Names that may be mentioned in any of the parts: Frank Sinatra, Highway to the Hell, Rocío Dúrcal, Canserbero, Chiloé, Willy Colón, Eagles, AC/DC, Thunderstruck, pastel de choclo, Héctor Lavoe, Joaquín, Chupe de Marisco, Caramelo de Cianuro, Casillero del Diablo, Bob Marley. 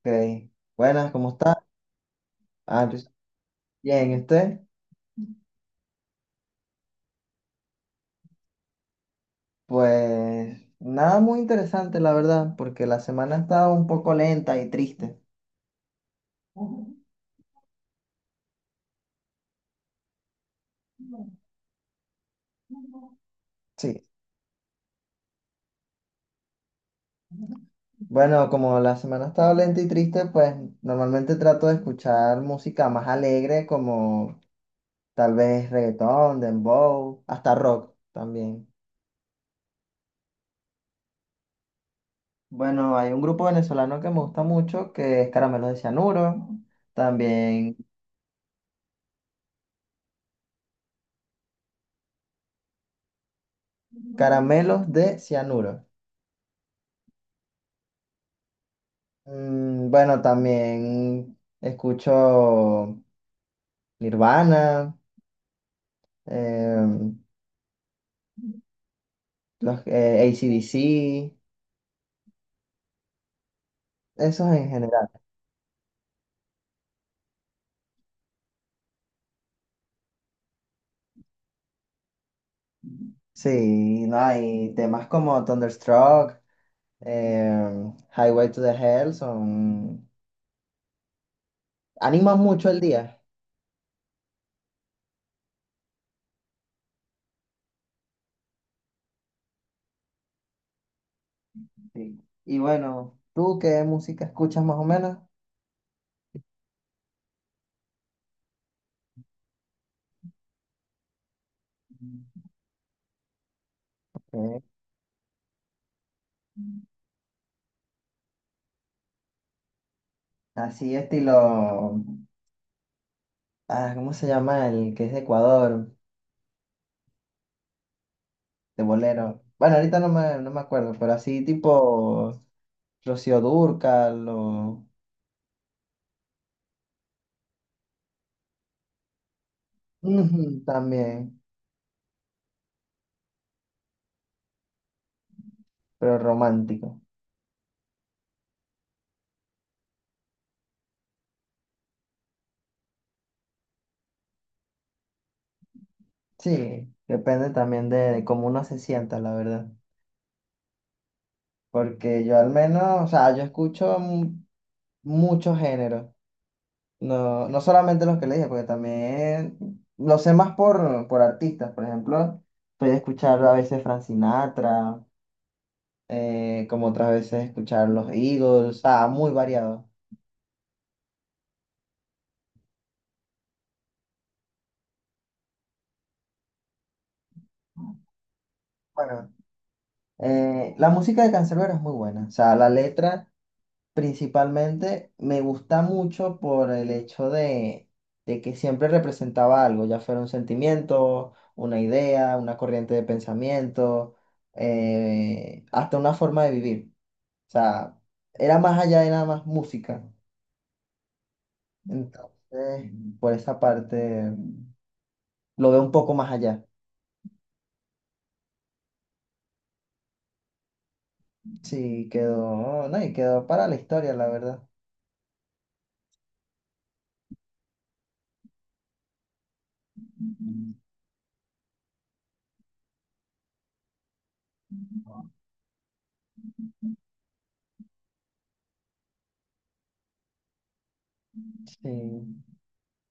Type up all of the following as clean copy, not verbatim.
Ok. Buenas, ¿cómo está? Ah, yo- Bien, ¿y usted? Pues nada muy interesante, la verdad, porque la semana ha estado un poco lenta y triste. Sí. Bueno, como la semana ha estado lenta y triste, pues normalmente trato de escuchar música más alegre, como tal vez reggaetón, dembow, hasta rock también. Bueno, hay un grupo venezolano que me gusta mucho, que es Caramelo de Cianuro. También Caramelos de cianuro. Bueno, también escucho Nirvana, em, los AC/DC, esos en general. Sí, no, hay temas como Thunderstruck, Highway to the Hell, son animan mucho el día. Sí. Y bueno, ¿tú qué música escuchas más o menos? Ok. Así estilo. Ah, ¿cómo se llama el que es de Ecuador? De bolero. Bueno, ahorita no me acuerdo, pero así tipo Rocío Dúrcal o ujú, también, pero romántico. Sí, depende también de cómo uno se sienta, la verdad. Porque yo al menos, o sea, muchos géneros. No, solamente los que le dije, porque también lo sé más por artistas. Por ejemplo, estoy escuchar a veces Frank Sinatra, como otras veces escuchar los Eagles, o sea, muy variado. Bueno. La música de Canserbero es muy buena. O sea, la letra principalmente me gusta mucho por el hecho de que siempre representaba algo, ya fuera un sentimiento, una idea, una corriente de pensamiento, hasta una forma de vivir. O sea, era más allá de nada más música. Entonces, por esa parte, lo veo un poco más allá. Sí, quedó, no, y quedó para la historia, la verdad. Sí.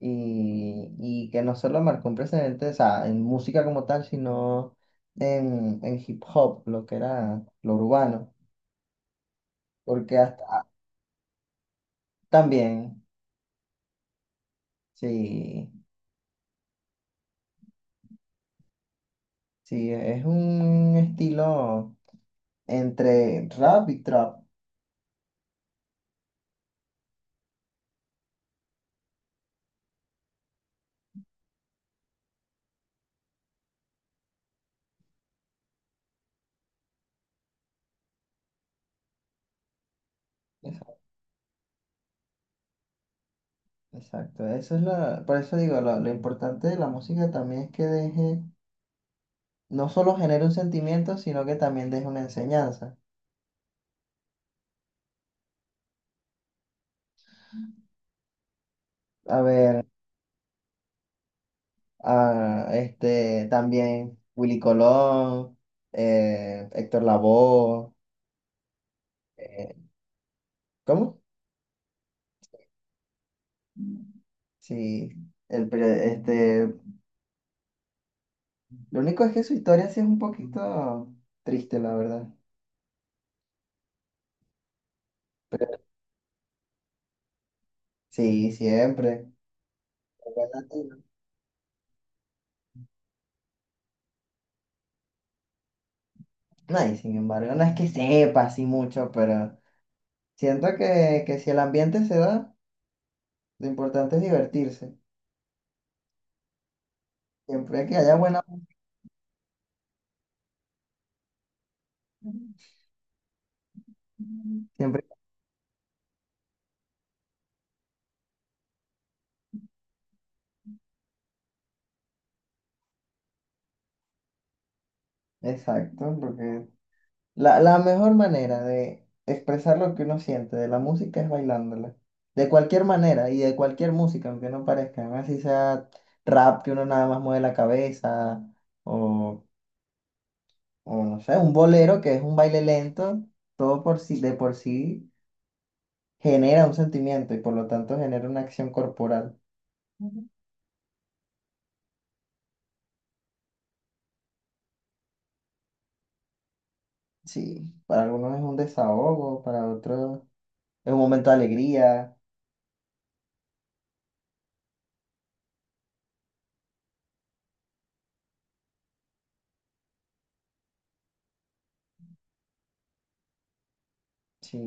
Y que no solo marcó un precedente, o sea, en música como tal, sino en hip hop, lo que era lo urbano, porque hasta también, sí, sí, es un estilo entre rap y trap. Esa- Exacto, eso es la, por eso digo, lo importante de la música también es que deje, no solo genere un sentimiento, sino que también deje una enseñanza. A ver. Ah, este, también Willy Colón, Héctor Lavoe, eh, ¿cómo? Sí, el, pero, este, lo único es que su historia sí es un poquito triste, la verdad. Pero sí, siempre. No, y sin embargo, no es que sepa así mucho, pero siento que si el ambiente se da, lo importante es divertirse. Siempre que haya buena. Siempre. Exacto, porque la mejor manera de expresar lo que uno siente de la música es bailándola. De cualquier manera y de cualquier música, aunque no parezca, ¿no? Así sea rap que uno nada más mueve la cabeza o, o no sé, un bolero que es un baile lento, todo por sí, de por sí genera un sentimiento y por lo tanto genera una acción corporal. Ujú. Sí, para algunos es un desahogo, para otros es un momento de alegría. Sí.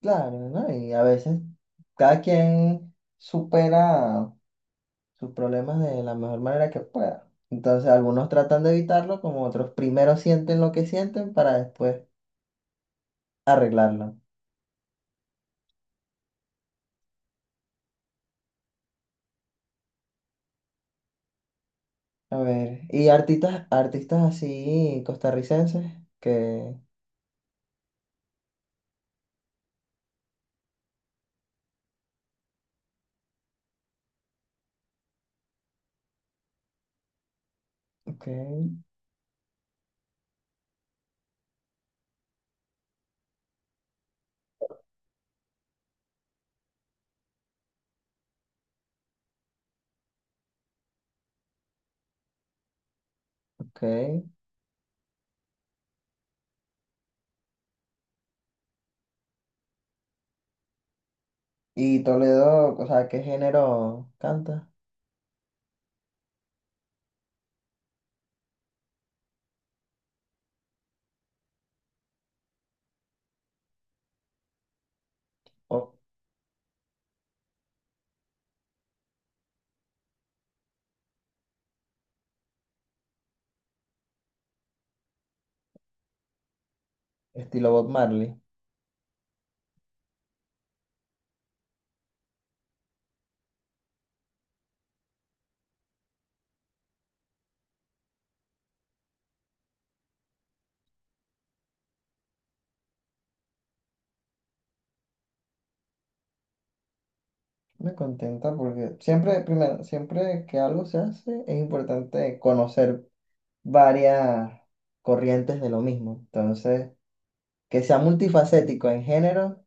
Claro, ¿no? Y a veces cada quien supera sus problemas de la mejor manera que pueda. Entonces algunos tratan de evitarlo, como otros primero sienten lo que sienten para después arreglarlo. A ver, y artistas, artistas así costarricenses que, ok, ok. Y Toledo, o sea, ¿qué género canta? O estilo Bob Marley. Me contenta porque siempre, primero, siempre que algo se hace es importante conocer varias corrientes de lo mismo. Entonces, que sea multifacético en género,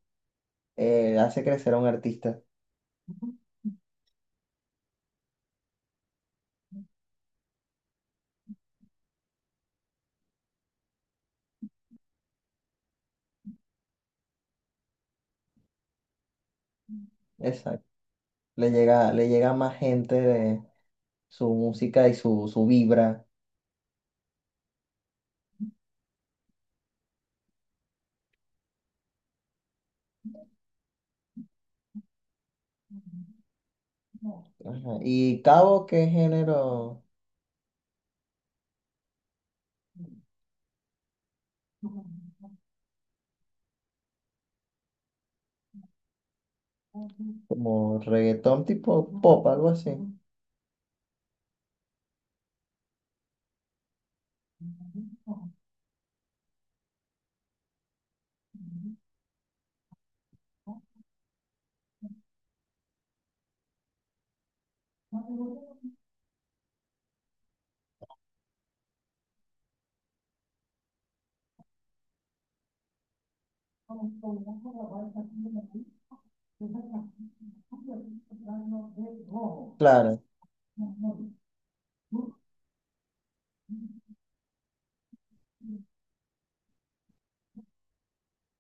hace crecer a un artista. Exacto. Le llega a más gente de su música y su vibra. Ajá. Y Cabo, ¿qué género? Como reggaetón tipo pop, algo así. Claro,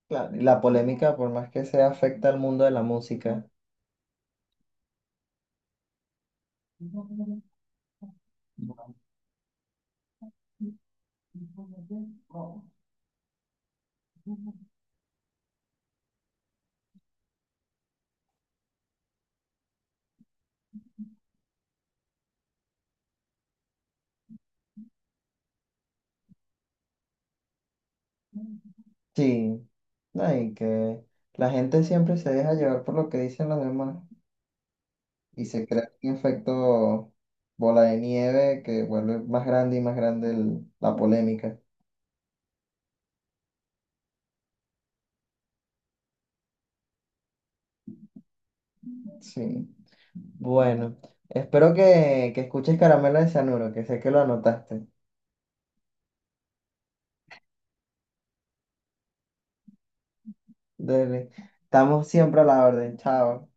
claro. Y la polémica, por más que sea, afecta al mundo de la música. Sí, no, y que la gente siempre se deja llevar por lo que dicen los demás y se crea un efecto bola de nieve que vuelve más grande y más grande la polémica. Sí. Bueno, espero que escuches Caramelo de Cianuro, que sé que lo anotaste. Dele. Estamos siempre a la orden. Chao.